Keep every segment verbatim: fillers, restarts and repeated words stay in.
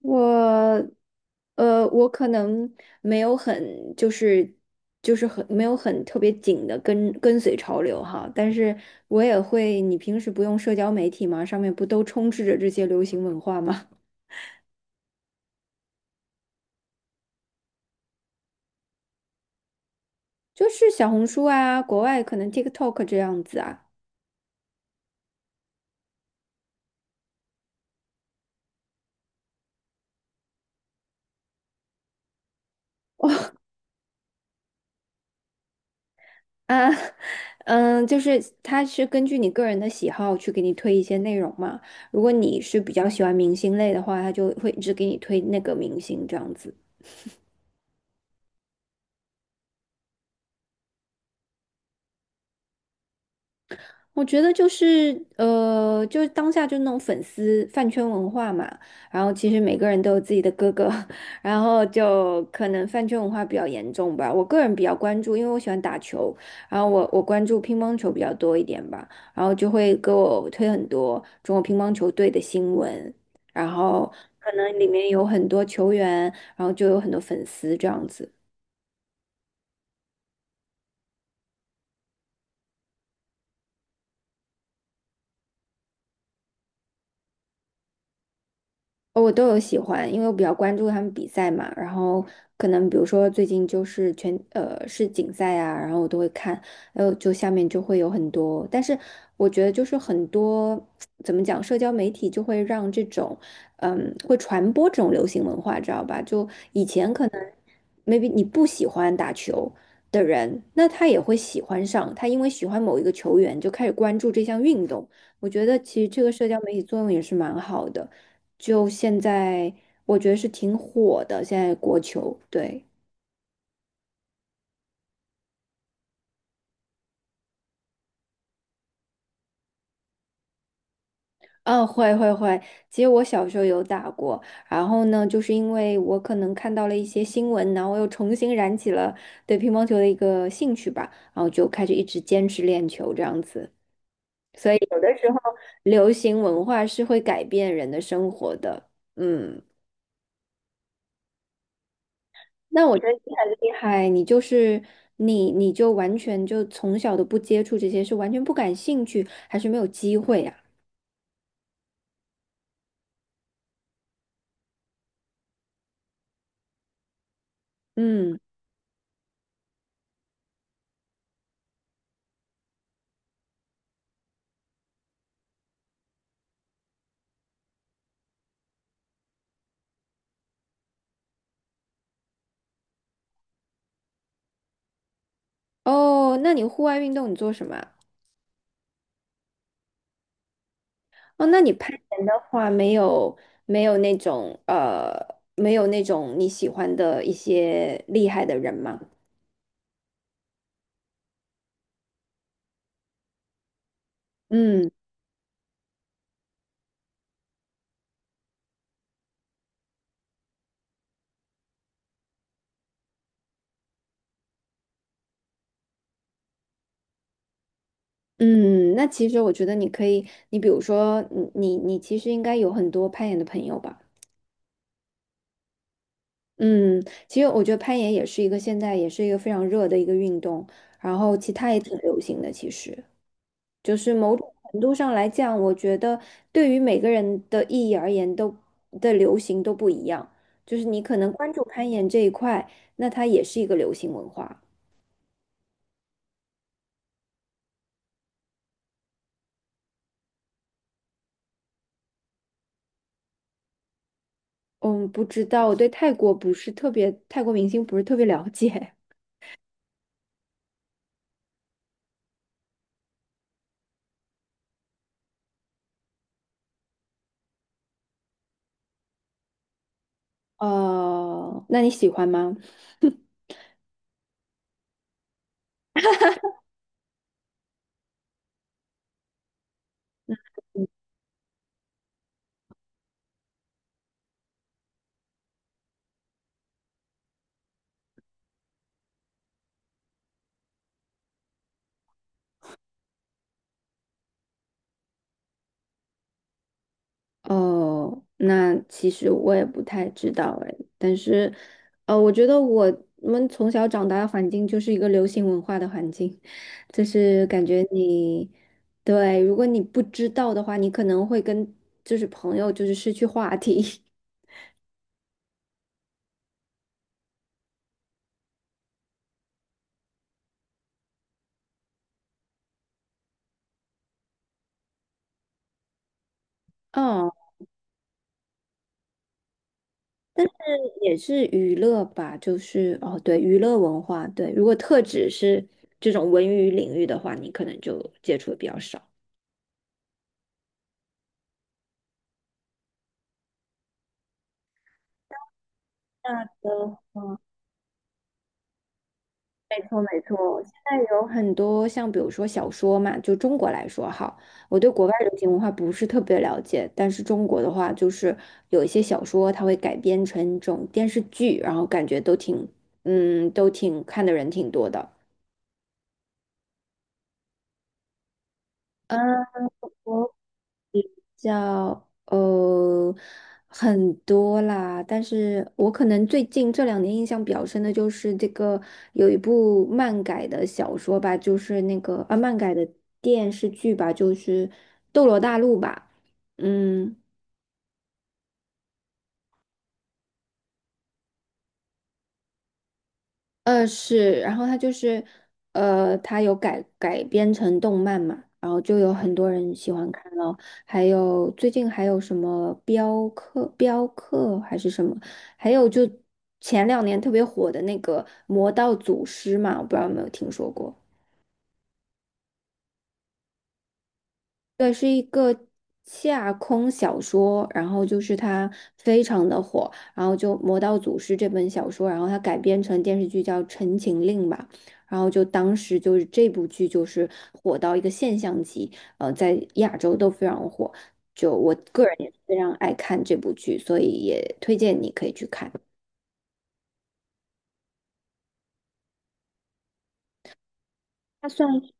我，呃，我可能没有很就是就是很没有很特别紧的跟跟随潮流哈，但是我也会，你平时不用社交媒体吗？上面不都充斥着这些流行文化吗？就是小红书啊，国外可能 TikTok 这样子啊啊，嗯，就是它是根据你个人的喜好去给你推一些内容嘛。如果你是比较喜欢明星类的话，它就会一直给你推那个明星这样子。我觉得就是呃，就是当下就那种粉丝饭圈文化嘛，然后其实每个人都有自己的哥哥，然后就可能饭圈文化比较严重吧。我个人比较关注，因为我喜欢打球，然后我我关注乒乓球比较多一点吧，然后就会给我推很多中国乒乓球队的新闻，然后可能里面有很多球员，然后就有很多粉丝这样子。哦我都有喜欢，因为我比较关注他们比赛嘛，然后可能比如说最近就是全呃世锦赛啊，然后我都会看，还有就下面就会有很多，但是我觉得就是很多 怎么讲，社交媒体就会让这种嗯会传播这种流行文化，知道吧？就以前可能 maybe 你不喜欢打球的人，那他也会喜欢上，他因为喜欢某一个球员就开始关注这项运动，我觉得其实这个社交媒体作用也是蛮好的。就现在我觉得是挺火的，现在国球，对。嗯，会会会。其实我小时候有打过，然后呢，就是因为我可能看到了一些新闻，然后我又重新燃起了对乒乓球的一个兴趣吧，然后就开始一直坚持练球这样子。流行文化是会改变人的生活的，嗯。那我觉得你很厉害，你就是你，你就完全就从小都不接触这些，是完全不感兴趣，还是没有机会啊？嗯。哦，那你户外运动你做什么啊？哦，那你攀岩的话，没有没有那种呃，没有那种你喜欢的一些厉害的人吗？嗯嗯，那其实我觉得你可以，你比如说，你你你其实应该有很多攀岩的朋友吧？嗯，其实我觉得攀岩也是一个现在也是一个非常热的一个运动，然后其他也挺流行的，其实。就是某种程度上来讲，我觉得对于每个人的意义而言都，的流行都不一样。就是你可能关注攀岩这一块，那它也是一个流行文化。嗯，不知道，我对泰国不是特别，泰国明星不是特别了解。呃，那你喜欢吗？哦，那其实我也不太知道哎，但是，呃，我觉得我们从小长大的环境就是一个流行文化的环境，就是感觉你，对，如果你不知道的话，你可能会跟就是朋友就是失去话题。哦，也是娱乐吧，就是哦，对，娱乐文化，对，如果特指是这种文娱领域的话，你可能就接触的比较少。那的话没错，没错。现在有很多像比如说小说嘛，就中国来说哈，我对国外流行文化不是特别了解，但是中国的话，就是有一些小说它会改编成这种电视剧，然后感觉都挺，嗯，都挺看的人挺多的。嗯，我叫呃很多啦，但是我可能最近这两年印象比较深的就是这个有一部漫改的小说吧，就是那个啊漫改的电视剧吧，就是《斗罗大陆》吧，嗯，呃，是，然后它就是，呃，它有改改编成动漫嘛，然后就有很多人喜欢看咯。还有最近还有什么镖客、镖客还是什么，还有就前两年特别火的那个《魔道祖师》嘛，我不知道有没有听说过。对，是一个架空小说，然后就是它非常的火，然后就《魔道祖师》这本小说，然后它改编成电视剧叫《陈情令》吧，然后就当时就是这部剧就是火到一个现象级，呃，在亚洲都非常火，就我个人也非常爱看这部剧，所以也推荐你可以去看。它算是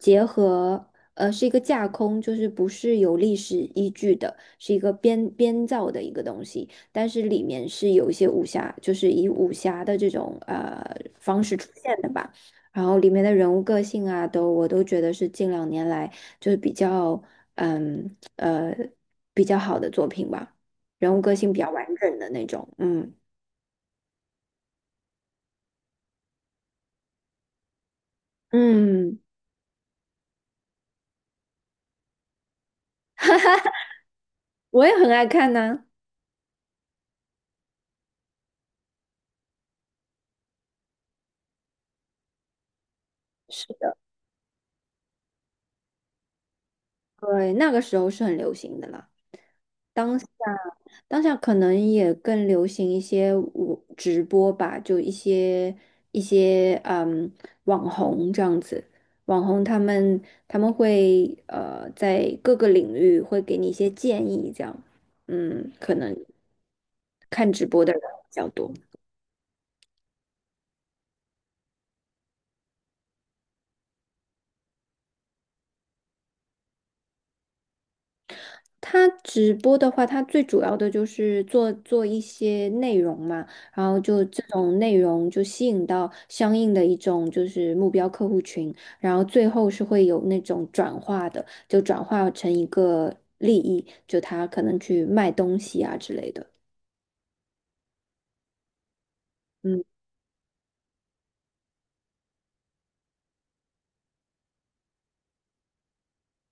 结合，呃，是一个架空，就是不是有历史依据的，是一个编编造的一个东西，但是里面是有一些武侠，就是以武侠的这种呃方式出现的吧。然后里面的人物个性啊，都我都觉得是近两年来就是比较嗯呃比较好的作品吧，人物个性比较完整的那种。嗯嗯，我也很爱看呢。是的，对，那个时候是很流行的了。当下，当下可能也更流行一些我直播吧，就一些一些嗯网红这样子，网红他们他们会呃在各个领域会给你一些建议，这样，嗯，可能看直播的人比较多。他直播的话，他最主要的就是做做一些内容嘛，然后就这种内容就吸引到相应的一种就是目标客户群，然后最后是会有那种转化的，就转化成一个利益，就他可能去卖东西啊之类的。嗯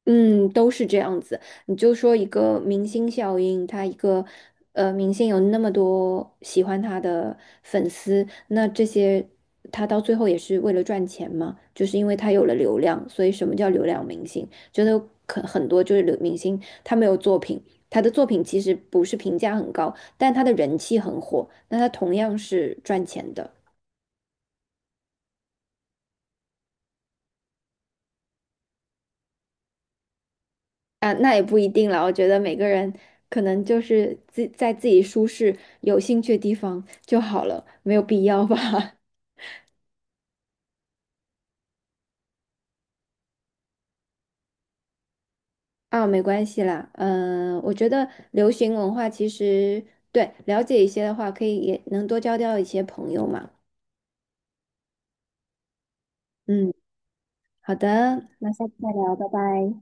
嗯，都是这样子。你就说一个明星效应，他一个呃明星有那么多喜欢他的粉丝，那这些他到最后也是为了赚钱嘛，就是因为他有了流量，所以什么叫流量明星？觉得可很多就是流明星，他没有作品，他的作品其实不是评价很高，但他的人气很火，那他同样是赚钱的。啊，那也不一定了。我觉得每个人可能就是自在自己舒适、有兴趣的地方就好了，没有必要吧？啊，没关系啦。嗯，我觉得流行文化其实对了解一些的话，可以也能多交到一些朋友嘛。嗯，好的，那下次再聊，拜拜。